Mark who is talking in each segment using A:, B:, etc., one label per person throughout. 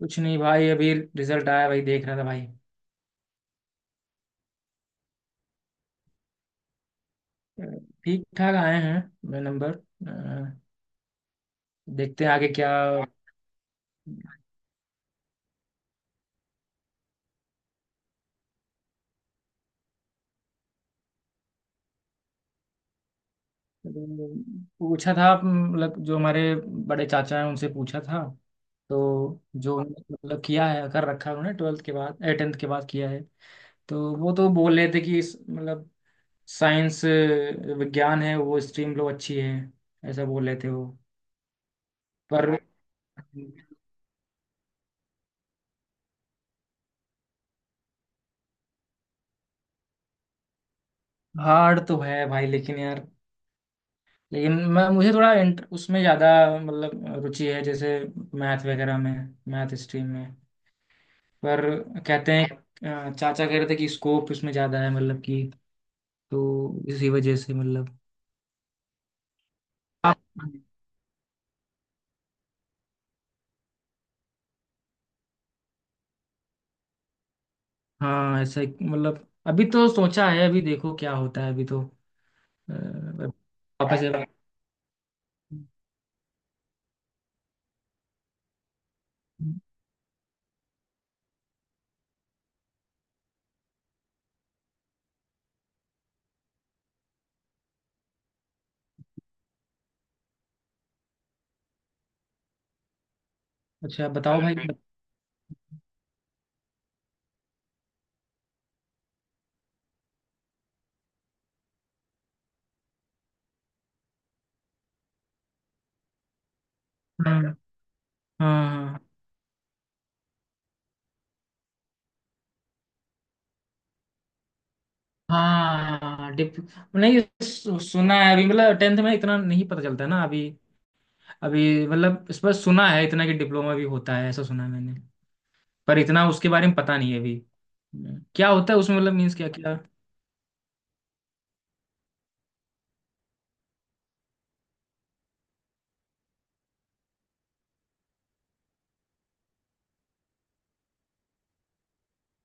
A: कुछ नहीं भाई, अभी रिजल्ट आया भाई, देख रहा था भाई। ठीक ठाक आए हैं नंबर। अ, देखते हैं आगे क्या। पूछा था, मतलब जो हमारे बड़े चाचा हैं उनसे पूछा था। तो जो मतलब किया है, कर रखा है उन्होंने, ट्वेल्थ के बाद टेंथ के बाद किया है। तो वो तो बोल रहे थे कि मतलब साइंस, विज्ञान है वो स्ट्रीम लो, अच्छी है। ऐसा बोल रहे थे वो। पर हार्ड तो है भाई, लेकिन यार, लेकिन मैं मुझे थोड़ा उसमें ज़्यादा मतलब रुचि है, जैसे मैथ वगैरह में, मैथ स्ट्रीम में। पर कहते हैं, चाचा कह रहे थे कि स्कोप इसमें ज़्यादा है, मतलब कि, तो इसी वजह से मतलब आप। हाँ ऐसा मतलब अभी तो सोचा है, अभी देखो क्या होता है, अभी तो पापा से अच्छा बताओ भाई। हाँ, हाँ, हाँ। हाँ, डिप नहीं सुना है अभी, मतलब टेंथ में इतना नहीं पता चलता ना अभी। अभी मतलब इस पर सुना है इतना कि डिप्लोमा भी होता है, ऐसा सुना है मैंने। पर इतना उसके बारे में पता नहीं है अभी। हम्म। क्या होता है उसमें मतलब, मीन्स क्या क्या।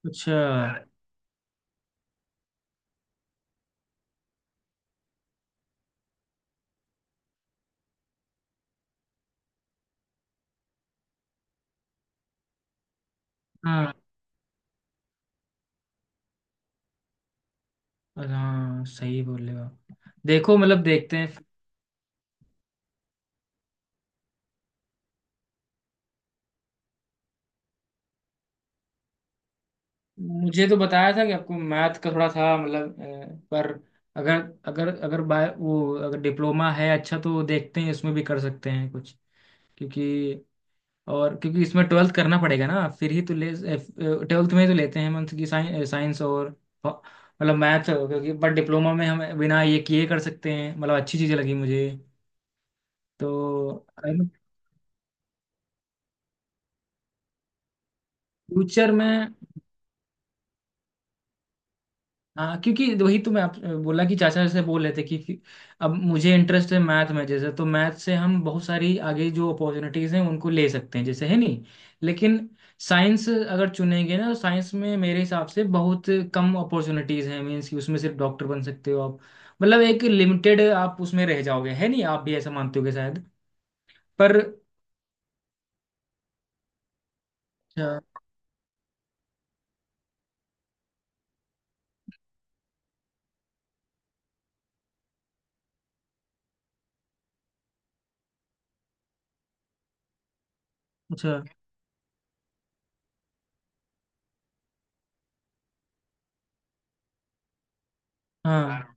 A: अच्छा। हाँ, हाँ सही बोल रहे हो आप। देखो मतलब, देखते हैं। मुझे तो बताया था कि आपको मैथ का थोड़ा था मतलब, पर अगर, अगर बाय वो, अगर डिप्लोमा है अच्छा, तो देखते हैं इसमें भी कर सकते हैं कुछ, क्योंकि, और क्योंकि इसमें ट्वेल्थ करना पड़ेगा ना फिर ही तो ले। ट्वेल्थ में ही तो लेते हैं मंथ की साइंस, फ- मतलब मैथ, क्योंकि बट डिप्लोमा में हम बिना ये किए कर सकते हैं, मतलब अच्छी चीज़ें लगी मुझे, तो। फ्यूचर में हाँ, क्योंकि वही तो मैं आप बोला कि चाचा से बोल रहे थे कि अब मुझे इंटरेस्ट है मैथ में, जैसे तो मैथ से हम बहुत सारी आगे जो अपॉर्चुनिटीज हैं उनको ले सकते हैं, जैसे, है नहीं। लेकिन साइंस अगर चुनेंगे ना, तो साइंस में मेरे हिसाब से बहुत कम अपॉर्चुनिटीज हैं, मीन्स कि उसमें सिर्फ डॉक्टर बन सकते हो आप, मतलब एक लिमिटेड आप उसमें रह जाओगे, है नहीं, आप भी ऐसा मानते होगे शायद, पर। अच्छा अच्छा। अच्छा। हाँ,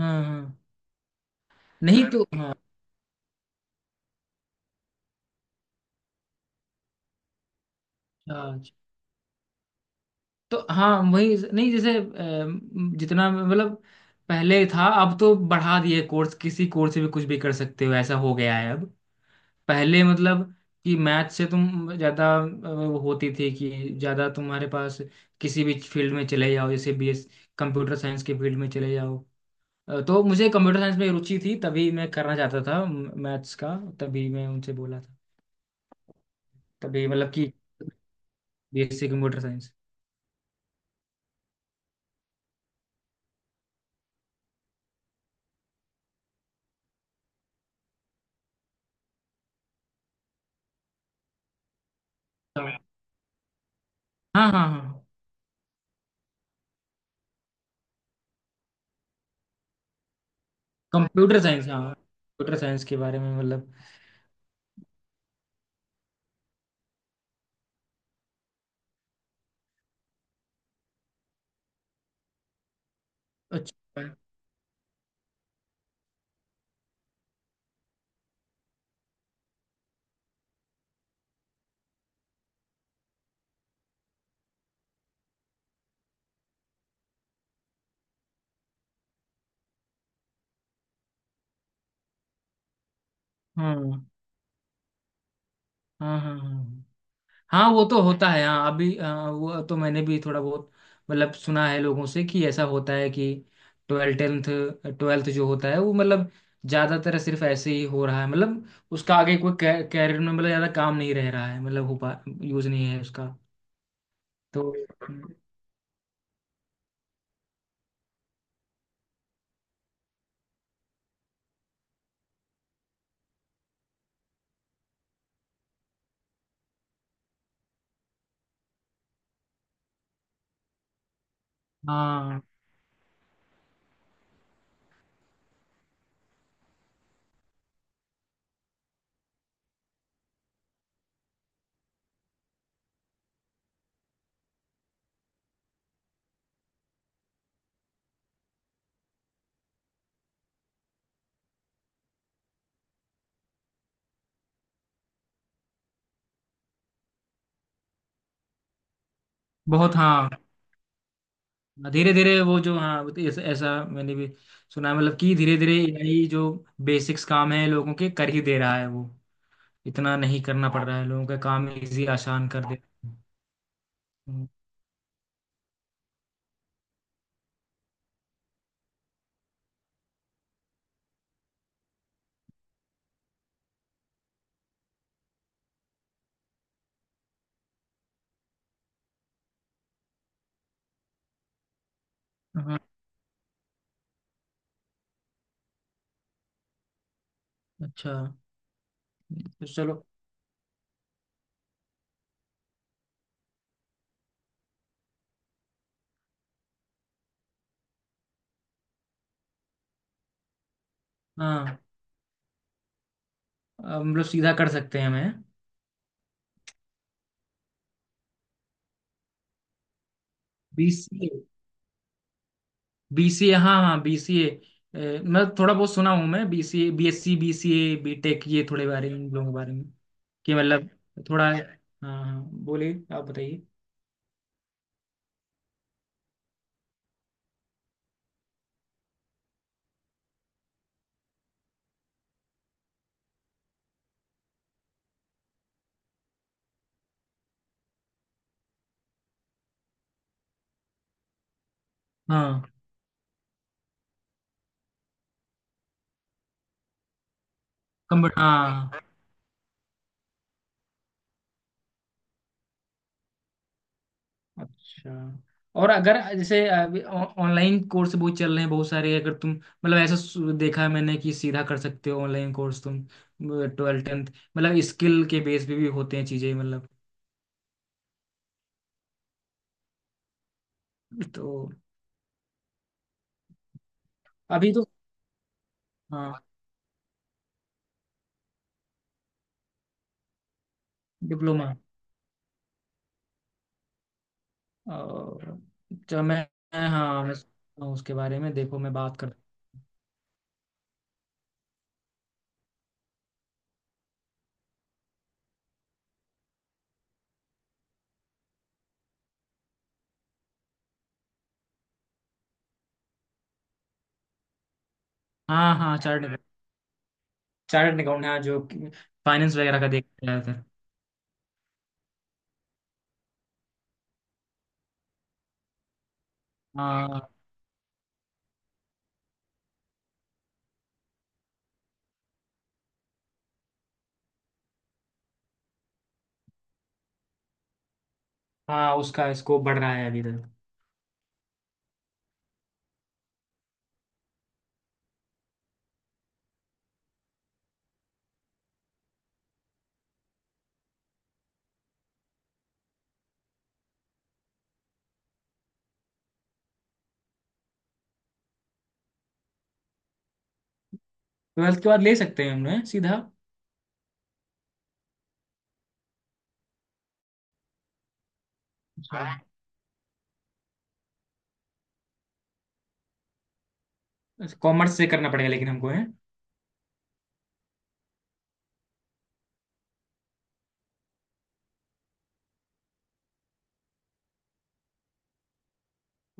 A: हाँ, हाँ। नहीं, तो हाँ। अच्छा। तो हाँ वही, नहीं जैसे जितना मतलब पहले था, अब तो बढ़ा दिए कोर्स, किसी कोर्स से भी कुछ भी कर सकते हो, ऐसा हो गया है अब। पहले मतलब कि मैथ से तुम ज़्यादा वो होती थी कि ज़्यादा तुम्हारे पास किसी भी फील्ड में चले जाओ, जैसे बीएस, कंप्यूटर साइंस के फील्ड में चले जाओ। तो मुझे कंप्यूटर साइंस में रुचि थी, तभी मैं करना चाहता था मैथ्स का, तभी मैं उनसे बोला था, तभी मतलब कि बीएससी कंप्यूटर साइंस। हाँ, हाँ, हाँ। कंप्यूटर साइंस, हाँ कंप्यूटर साइंस के बारे में मतलब। अच्छा। हाँ, हाँ, हाँ, हाँ। हाँ वो तो होता है हाँ अभी, हाँ, वो तो मैंने भी थोड़ा बहुत मतलब सुना है लोगों से कि ऐसा होता है कि ट्वेल्थ टेंथ, ट्वेल्थ जो होता है वो मतलब ज्यादातर सिर्फ ऐसे ही हो रहा है, मतलब उसका आगे कोई कैरियर में मतलब ज्यादा काम नहीं रह रहा है, मतलब हो पा यूज नहीं है उसका, तो। हाँ। बहुत हाँ, धीरे धीरे वो जो हाँ, वो तो ऐसा, ऐसा मैंने भी सुना है, मतलब कि धीरे धीरे एआई जो बेसिक्स काम है लोगों के कर ही दे रहा है वो, इतना नहीं करना पड़ हाँ रहा है, लोगों का काम इजी आसान कर दे। हाँ। हाँ। अच्छा। तो चलो। हाँ अब हम लोग सीधा कर सकते हैं मैं। बीसीए, बीसीए, हाँ हाँ बीसीए, मैं थोड़ा बहुत सुना हूँ मैं, बीसीए, बीएससी, बीसीए, बीटेक, ये थोड़े बारे में, इन लोगों के बारे में कि मतलब, थोड़ा हाँ, हाँ बोलिए आप बताइए। हाँ। कंप्यूटर हाँ। अच्छा। और अगर जैसे अभी ऑनलाइन कोर्स बहुत चल रहे हैं बहुत सारे, अगर तुम मतलब ऐसा देखा है मैंने कि सीधा कर सकते हो ऑनलाइन कोर्स तुम, ट्वेल्थ टेंथ, मतलब स्किल के बेस पे भी होते हैं चीजें मतलब, तो। अभी तो हाँ। डिप्लोमा। और चलो मैं, हाँ मैं सोचता हूँ उसके बारे में, देखो मैं बात कर। हाँ, हाँ चार्ट, चार्ट अकाउंट हाँ, जो फाइनेंस वगैरह का देखते हैं उधर। हाँ। हाँ उसका स्कोप बढ़ रहा है अभी तक। ट्वेल्थ के बाद ले सकते हैं हमने सीधा। हाँ कॉमर्स से करना पड़ेगा लेकिन हमको है।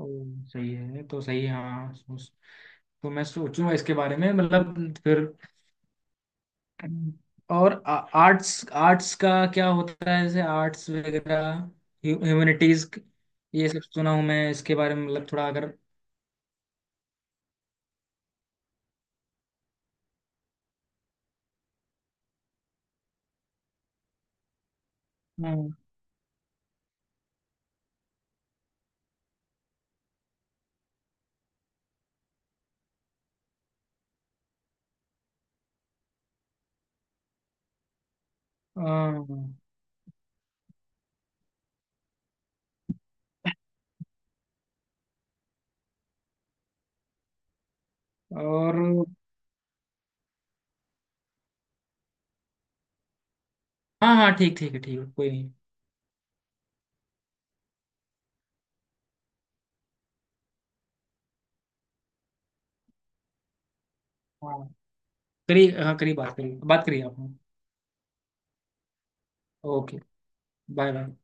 A: ओ, सही है तो सही है, हाँ सोच, तो मैं सोचूंगा इसके बारे में मतलब फिर। और आर्ट्स, आर्ट्स का क्या होता है, जैसे आर्ट्स वगैरह, ह्यूमैनिटीज, ये सब सुना हूँ मैं इसके बारे में मतलब थोड़ा अगर। हम्म, हाँ। और हाँ, हाँ ठीक, ठीक है, ठीक है कोई नहीं। हाँ करिए, हाँ करिए, बात करिए, बात करिए आप। ओके। Bye bye.